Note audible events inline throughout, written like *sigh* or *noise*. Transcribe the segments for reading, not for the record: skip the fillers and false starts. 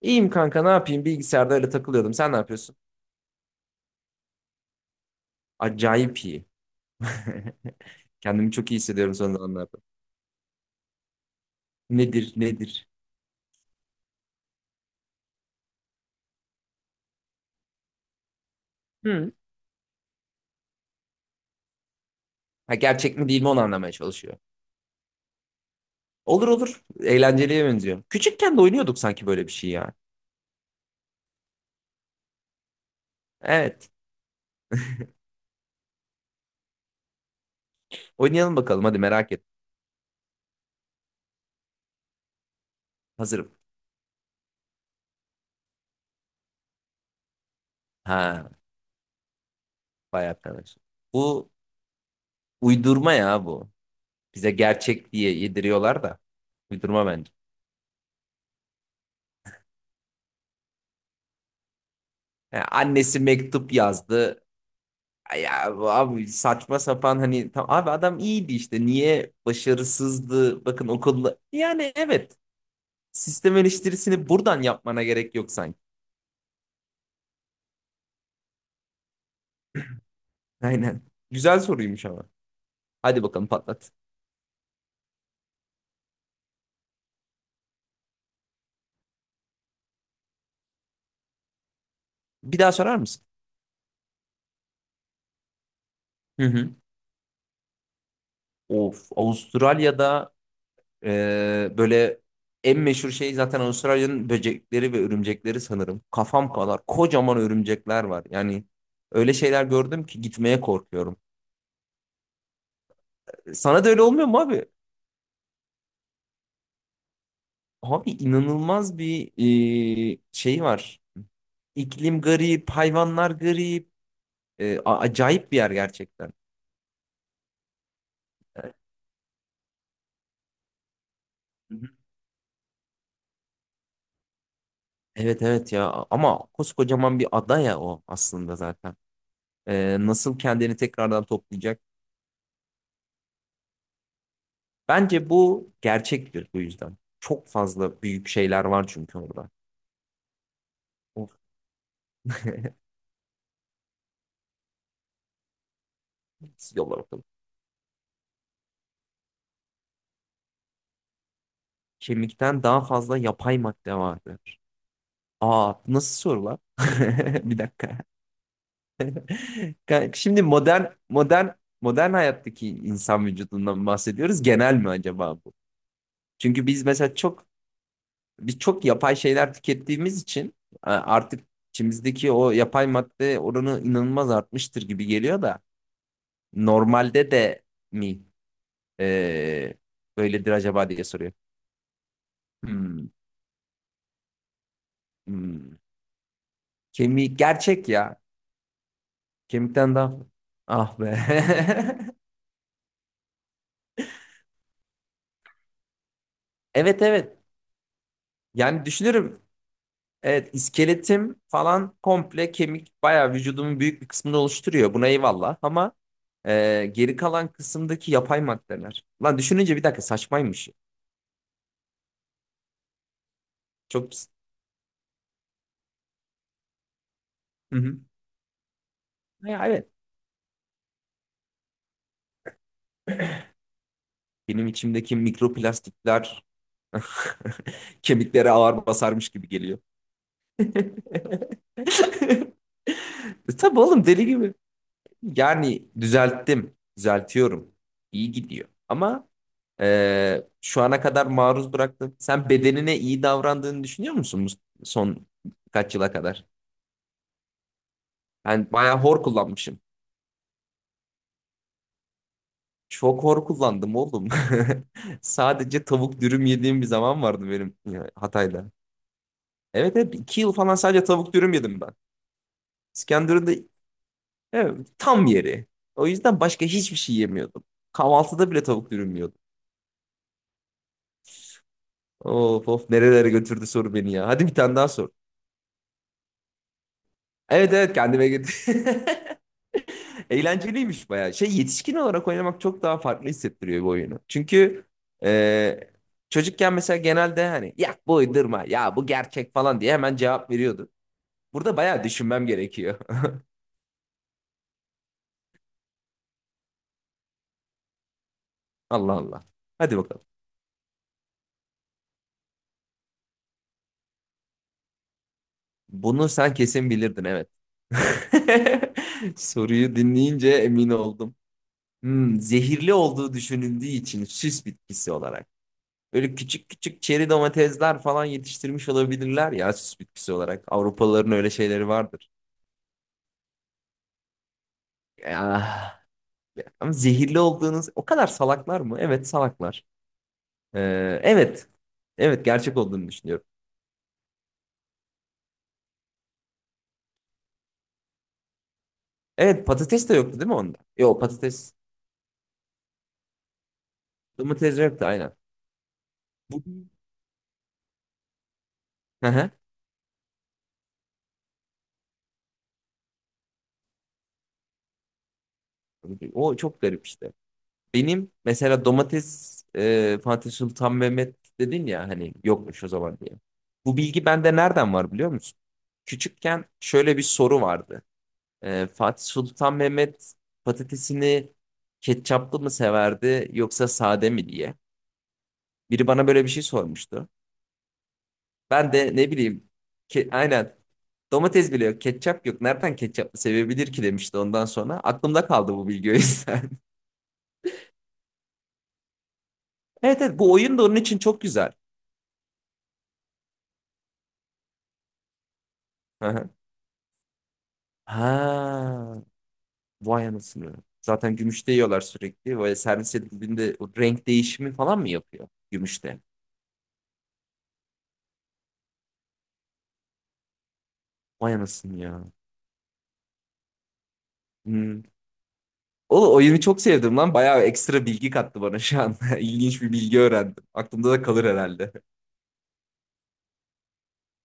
İyiyim kanka ne yapayım bilgisayarda öyle takılıyordum. Sen ne yapıyorsun? Acayip iyi. *laughs* Kendimi çok iyi hissediyorum son zamanlarda. Nedir nedir? Ha, gerçek mi değil mi onu anlamaya çalışıyor. Olur olur. Eğlenceliye benziyor. Küçükken de oynuyorduk sanki böyle bir şey ya. Evet. Oynayalım bakalım hadi merak et. Hazırım. Ha vay arkadaş. Bu uydurma ya bu. Bize gerçek diye yediriyorlar da. Uydurma bence. Ha, annesi mektup yazdı. Ya bu abi saçma sapan hani tam, abi adam iyiydi işte niye başarısızdı bakın okulda, yani evet, sistem eleştirisini buradan yapmana gerek yok sanki. Aynen. Güzel soruymuş ama. Hadi bakalım patlat. Bir daha sorar mısın? Hı hı. Of, Avustralya'da, e, böyle, en meşhur şey zaten Avustralya'nın böcekleri ve örümcekleri sanırım. Kafam kadar kocaman örümcekler var. Yani öyle şeyler gördüm ki gitmeye korkuyorum. Sana da öyle olmuyor mu abi? Abi inanılmaz bir şey var. İklim garip, hayvanlar garip. Acayip bir yer gerçekten. Evet. Hı hı. Evet evet ya, ama koskocaman bir ada ya o aslında zaten. Nasıl kendini tekrardan toplayacak? Bence bu gerçektir bu yüzden. Çok fazla büyük şeyler var çünkü orada. Of, yolla bakalım. Kemikten daha fazla yapay madde vardır. Aa, nasıl sorular? *laughs* Bir dakika. Yani şimdi modern hayattaki insan vücudundan bahsediyoruz. Genel mi acaba bu? Çünkü biz mesela çok, biz çok yapay şeyler tükettiğimiz için artık içimizdeki o yapay madde oranı inanılmaz artmıştır gibi geliyor da, normalde de mi e, böyledir acaba diye soruyor. Hmm, hmm. Kemik gerçek ya. Kemikten daha, ah be. *laughs* Evet evet. Yani düşünürüm. Evet, iskeletim falan komple kemik, bayağı vücudumun büyük bir kısmını oluşturuyor. Buna eyvallah ama geri kalan kısımdaki yapay maddeler. Lan düşününce bir dakika saçmaymış. Çok. Hı hı. Ya evet. Benim içimdeki mikroplastikler *laughs* kemiklere ağır basarmış gibi geliyor. *laughs* Tabii oğlum deli gibi. Yani düzelttim, düzeltiyorum. İyi gidiyor. Ama, şu ana kadar maruz bıraktın. Sen bedenine iyi davrandığını düşünüyor musun bu son kaç yıla kadar? Ben bayağı hor kullanmışım. Çok hor kullandım oğlum. *laughs* Sadece tavuk dürüm yediğim bir zaman vardı benim ya, Hatay'da. Evet evet, 2 yıl falan sadece tavuk dürüm yedim ben. İskenderun'da, evet, tam yeri. O yüzden başka hiçbir şey yemiyordum. Kahvaltıda bile tavuk dürüm yiyordum. Of of, nerelere götürdü soru beni ya. Hadi bir tane daha sor. Evet evet, kendime götür. *laughs* Eğlenceliymiş bayağı. Şey, yetişkin olarak oynamak çok daha farklı hissettiriyor bu oyunu. Çünkü e, çocukken mesela genelde hani ya bu uydurma ya bu gerçek falan diye hemen cevap veriyordu. Burada bayağı düşünmem gerekiyor. *laughs* Allah Allah. Hadi bakalım. Bunu sen kesin bilirdin, evet. *laughs* Soruyu dinleyince emin oldum. Zehirli olduğu düşünüldüğü için süs bitkisi olarak. Böyle küçük küçük çeri domatesler falan yetiştirmiş olabilirler ya, süs bitkisi olarak. Avrupalıların öyle şeyleri vardır. Ah, ama zehirli olduğunuz o kadar salaklar mı? Evet, salaklar. Evet. Evet, gerçek olduğunu düşünüyorum. Evet, patates de yoktu değil mi onda? Yok, patates, domates yoktu aynen. Bu- Hı hı. O çok garip işte. Benim mesela domates, Fatih Sultan Mehmet dedin ya hani yokmuş o zaman diye. Bu bilgi bende nereden var biliyor musun? Küçükken şöyle bir soru vardı. Fatih Sultan Mehmet patatesini ketçaplı mı severdi yoksa sade mi diye. Biri bana böyle bir şey sormuştu. Ben de ne bileyim, aynen, domates bile yok, ketçap yok, nereden ketçaplı sevebilir ki demişti ondan sonra. Aklımda kaldı bu bilgi o yüzden. *laughs* Evet evet, bu oyun da onun için çok güzel. Hı hı. Ha, vay anasını. Zaten gümüşte yiyorlar sürekli. Böyle servis edildiğinde o renk değişimi falan mı yapıyor gümüşte? Vay anasını ya. Hmm. Oğlum oyunu çok sevdim lan. Bayağı ekstra bilgi kattı bana şu an. *laughs* İlginç bir bilgi öğrendim. Aklımda da kalır herhalde.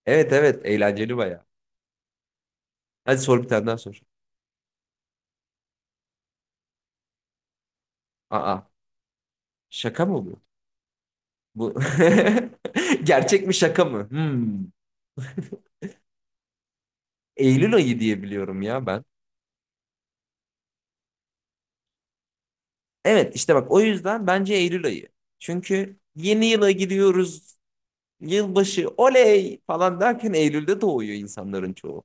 Evet evet, eğlenceli bayağı. Hadi sor, bir tane daha sor. Aa, şaka mı bu? Bu *laughs* gerçek mi şaka mı? Hmm. Eylül ayı diye biliyorum ya ben. Evet, işte bak, o yüzden bence Eylül ayı. Çünkü yeni yıla giriyoruz. Yılbaşı oley falan derken Eylül'de doğuyor insanların çoğu.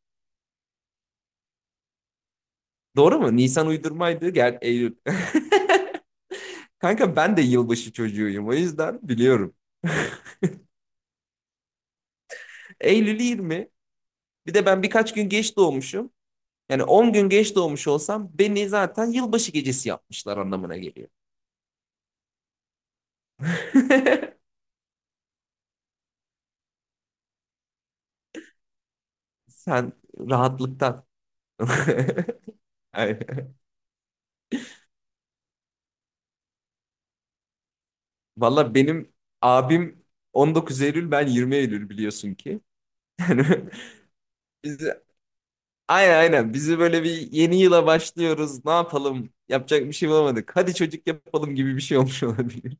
Doğru mu? Nisan uydurmaydı. Gel Eylül. *laughs* Kanka, ben de yılbaşı çocuğuyum, o yüzden biliyorum. Eylül 20. Bir de ben birkaç gün geç doğmuşum. Yani 10 gün geç doğmuş olsam, beni zaten yılbaşı gecesi yapmışlar anlamına geliyor. *laughs* Sen rahatlıktan. *laughs* Aynen. Valla benim abim 19 Eylül, ben 20 Eylül, biliyorsun ki. Yani, *laughs* bizi, aynen aynen bizi, böyle bir yeni yıla başlıyoruz, ne yapalım, yapacak bir şey bulamadık. Hadi çocuk yapalım gibi bir şey olmuş olabilir.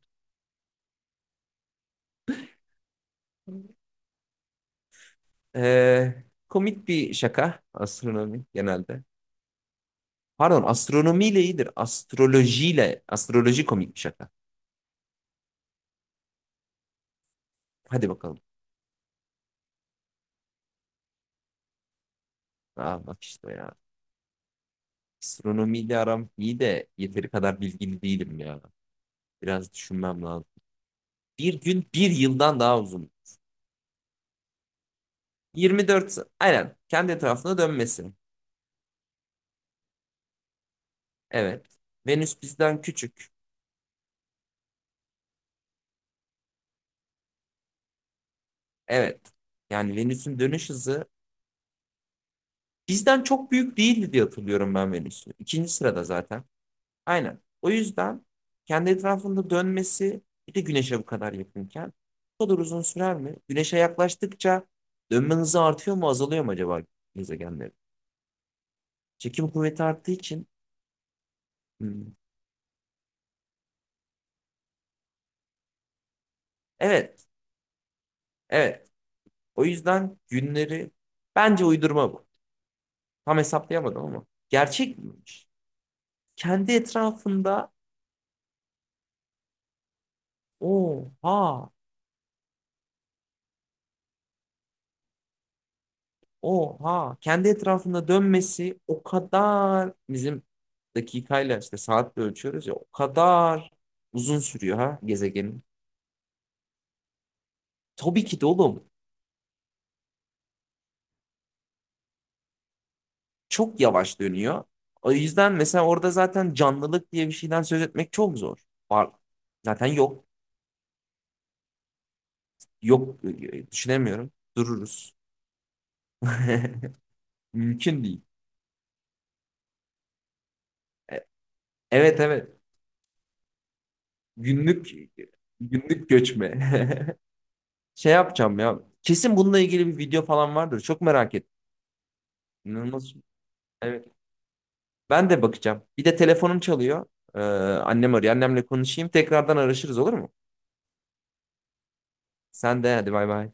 Ee, komik bir şaka astronomi genelde. Pardon, astronomiyle iyidir. Astrolojiyle, astroloji komik bir şaka. Hadi bakalım. Aa, bak işte ya. Astronomiyle aram iyi de yeteri kadar bilgili değilim ya. Biraz düşünmem lazım. Bir gün bir yıldan daha uzun. 24 aynen kendi etrafına dönmesi. Evet. Venüs bizden küçük. Evet. Yani Venüs'ün dönüş hızı bizden çok büyük değildi diye hatırlıyorum ben Venüs'ü. İkinci sırada zaten. Aynen. O yüzden kendi etrafında dönmesi, bir de güneşe bu kadar yakınken bu kadar uzun sürer mi? Güneşe yaklaştıkça dönme hızı artıyor mu azalıyor mu acaba gezegenlerin? Çekim kuvveti arttığı için, hmm. Evet. Evet. O yüzden günleri bence uydurma bu. Tam hesaplayamadım ama. Gerçek miymiş? Kendi etrafında, oha. Oha, kendi etrafında dönmesi o kadar, bizim dakikayla işte saatle ölçüyoruz ya, o kadar uzun sürüyor ha gezegenin. Tabii ki de oğlum, çok yavaş dönüyor. O yüzden mesela orada zaten canlılık diye bir şeyden söz etmek çok zor. Var. Zaten yok. Yok, düşünemiyorum. Dururuz. *laughs* Mümkün değil. E- Evet evet. Günlük günlük göçme. *laughs* Şey yapacağım ya. Kesin bununla ilgili bir video falan vardır. Çok merak ettim. İnanılmaz. Evet. Ben de bakacağım. Bir de telefonum çalıyor. Ee, annem arıyor. Annemle konuşayım. Tekrardan araşırız olur mu? Sen de hadi bay bay.